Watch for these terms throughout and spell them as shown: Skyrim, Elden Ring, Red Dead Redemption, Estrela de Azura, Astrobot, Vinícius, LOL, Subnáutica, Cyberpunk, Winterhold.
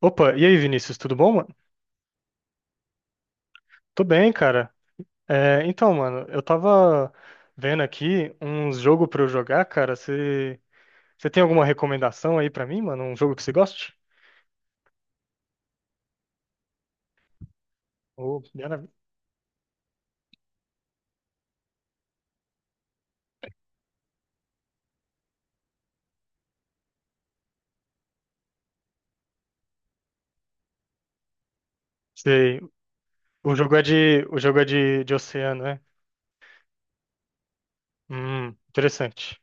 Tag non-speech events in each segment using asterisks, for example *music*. Opa, e aí, Vinícius, tudo bom, mano? Tô bem, cara. É, então, mano, eu tava vendo aqui uns jogos pra eu jogar, cara. Você tem alguma recomendação aí pra mim, mano? Um jogo que você goste? Oh, maravilha. Sei. O jogo é de, o jogo é de oceano, né? Interessante.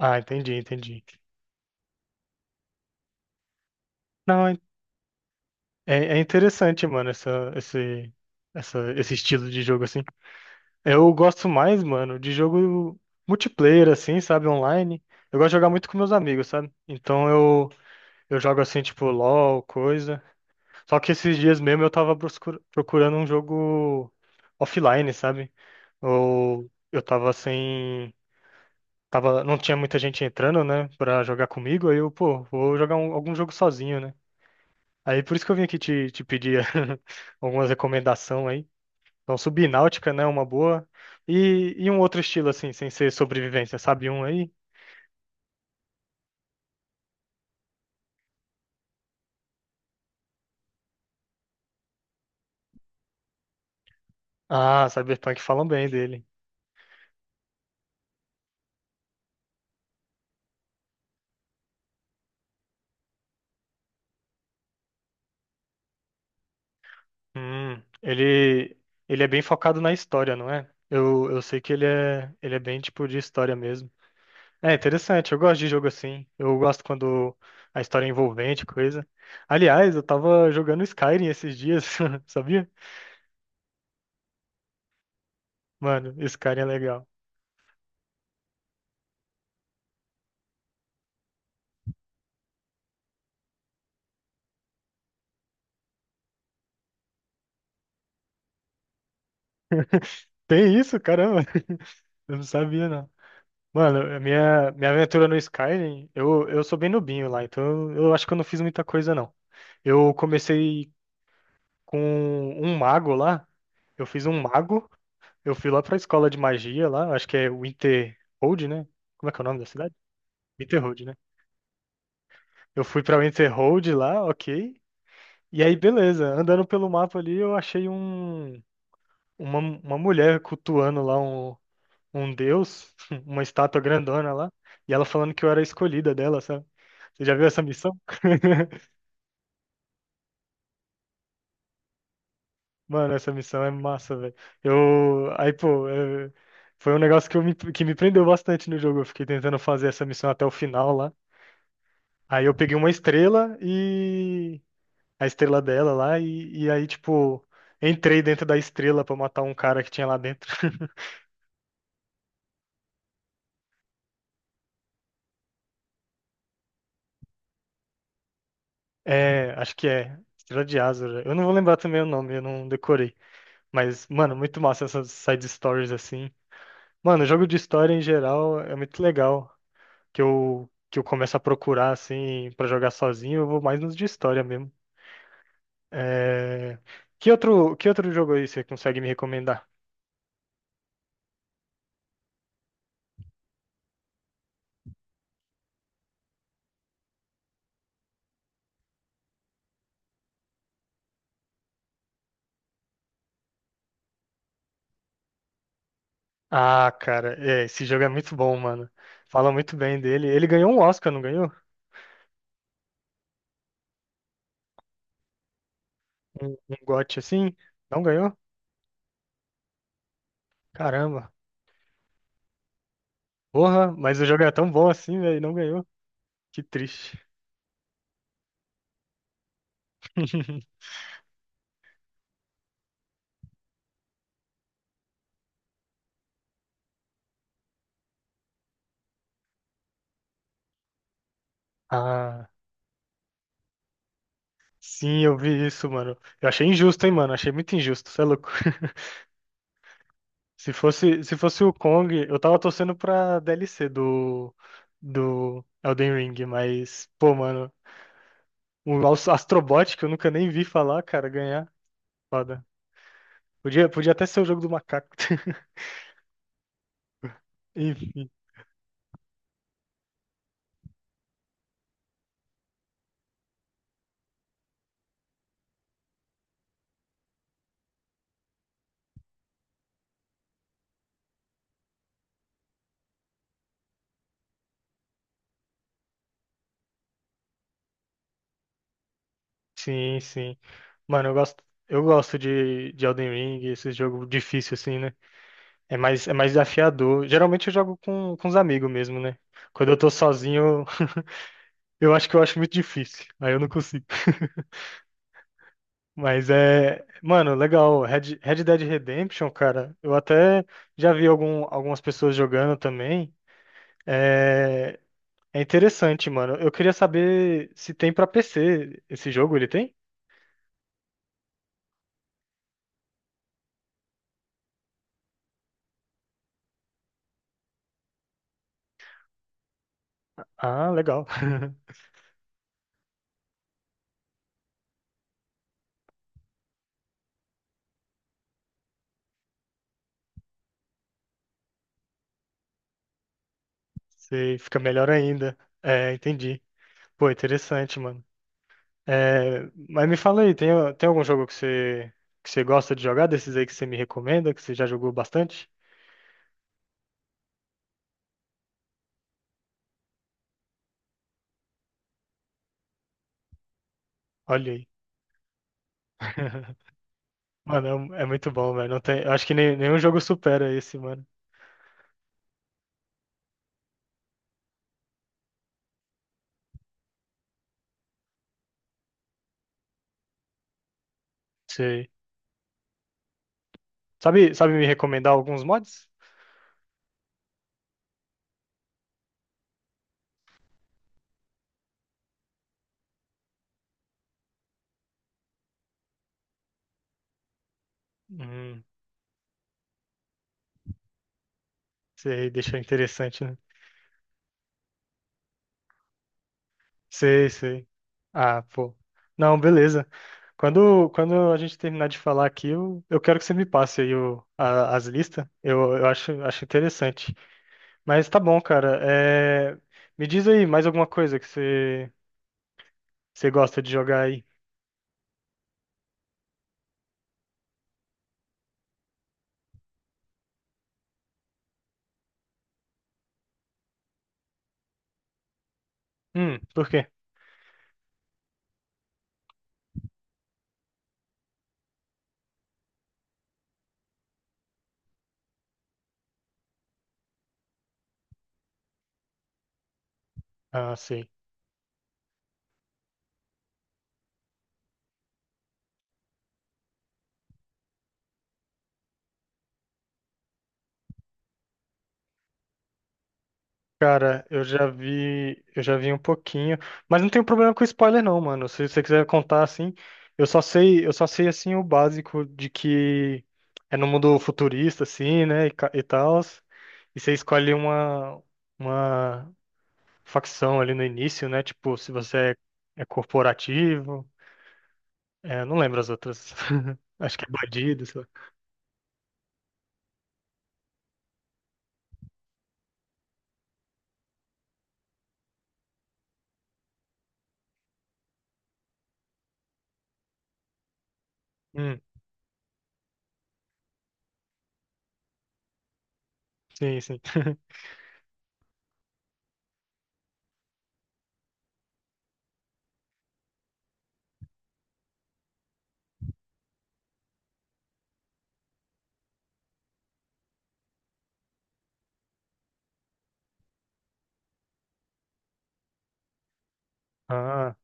Ah, entendi, entendi. Não, é interessante, mano, esse estilo de jogo assim. Eu gosto mais, mano, de jogo multiplayer, assim, sabe? Online. Eu gosto de jogar muito com meus amigos, sabe? Então eu jogo assim, tipo, LOL, coisa. Só que esses dias mesmo eu tava procurando um jogo offline, sabe? Ou eu tava sem. Tava, não tinha muita gente entrando, né, pra jogar comigo. Aí eu, pô, vou jogar algum jogo sozinho, né? Aí por isso que eu vim aqui te pedir *laughs* algumas recomendações aí. Então, Subnáutica, né? Uma boa. E um outro estilo, assim, sem ser sobrevivência, sabe um aí? Ah, Cyberpunk falam bem dele. Hum, ele, ele é bem focado na história, não é? Eu sei que ele é bem tipo de história mesmo. É interessante, eu gosto de jogo assim. Eu gosto quando a história é envolvente, coisa. Aliás, eu tava jogando Skyrim esses dias, *laughs* sabia? Mano, Skyrim é legal. Tem isso? Caramba, *laughs* eu não sabia, não. Mano, a minha aventura no Skyrim, eu sou bem nubinho lá, então eu acho que eu não fiz muita coisa, não. Eu comecei com um mago lá, eu fiz um mago, eu fui lá pra escola de magia lá, acho que é Winterhold, né? Como é que é o nome da cidade? Winterhold, né? Eu fui pra Winterhold lá, ok. E aí, beleza, andando pelo mapa ali, eu achei uma mulher cultuando lá um deus, *laughs* uma estátua grandona lá, e ela falando que eu era a escolhida dela, sabe? Você já viu essa missão? *laughs* Mano, essa missão é massa, velho. Eu. Aí, pô, é, foi um negócio que me prendeu bastante no jogo. Eu fiquei tentando fazer essa missão até o final lá. Aí eu peguei uma estrela. A estrela dela lá, e aí, tipo, entrei dentro da estrela pra matar um cara que tinha lá dentro. *laughs* É, acho que é. Estrela de Azura. Eu não vou lembrar também o nome, eu não decorei. Mas, mano, muito massa essas side stories assim. Mano, jogo de história em geral é muito legal. Que eu começo a procurar assim pra jogar sozinho, eu vou mais nos de história mesmo. É... que outro jogo aí você consegue me recomendar? Ah, cara, é, esse jogo é muito bom, mano. Fala muito bem dele. Ele ganhou um Oscar, não ganhou? Um GOT assim? Não ganhou? Caramba. Porra, mas o jogo é tão bom assim, velho, e não ganhou. Que triste. *laughs* Ah. Sim, eu vi isso, mano. Eu achei injusto, hein, mano? Achei muito injusto, você é louco. *laughs* Se fosse o Kong, eu tava torcendo pra DLC do Elden Ring, mas, pô, mano, o Astrobot, que eu nunca nem vi falar, cara, ganhar. Foda. Podia até ser o jogo do macaco. *laughs* Enfim. Sim, sim. Mano, eu gosto de Elden Ring, esse jogo difícil, assim, né? É mais desafiador. Geralmente eu jogo com os amigos mesmo, né? Quando eu tô sozinho. Eu acho que eu acho muito difícil. Aí eu não consigo. *laughs* Mas é. Mano, legal. Red Dead Redemption, cara. Eu até já vi algumas pessoas jogando também. É, é interessante, mano. Eu queria saber se tem pra PC esse jogo. Ele tem? Ah, legal. *laughs* Sei, fica melhor ainda. É, entendi. Pô, interessante, mano. É, mas me fala aí, tem algum jogo que você gosta de jogar, desses aí que você me recomenda, que você já jogou bastante? Olha aí. *laughs* Mano, é muito bom, velho. Não tem, eu acho que nenhum jogo supera esse, mano. Sei. Sabe me recomendar alguns mods? Hum, sei, deixa interessante, né? Sei, sei. Ah, pô. Não, beleza. Quando a gente terminar de falar aqui, eu quero que você me passe aí as listas. Eu acho interessante. Mas tá bom, cara. É, me diz aí mais alguma coisa que você gosta de jogar aí. Por quê? Ah, sei. Cara, eu já vi um pouquinho, mas não tenho problema com spoiler não, mano. Se você quiser contar assim, eu só sei assim o básico de que é no mundo futurista assim, né, e tal, e você escolhe uma facção ali no início, né? Tipo, se você é corporativo, é, eu não lembro as outras. *laughs* Acho que é bandido, sei lá. Hum, sim, sim. *laughs* Ah,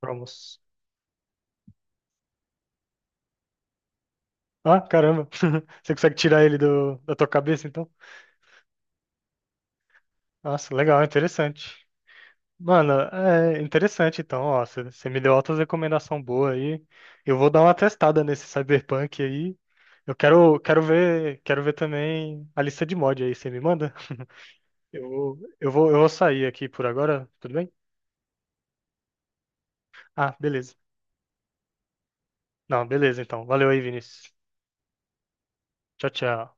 promos. Ah, caramba. *laughs* Você consegue tirar ele da tua cabeça, então? Nossa, legal, interessante. Mano, é interessante então, ó, você me deu altas recomendação boa aí. Eu vou dar uma testada nesse Cyberpunk aí. Eu quero ver também a lista de mod aí, você me manda? Eu vou sair aqui por agora, tudo bem? Ah, beleza. Não, beleza então. Valeu aí, Vinícius. Tchau, tchau.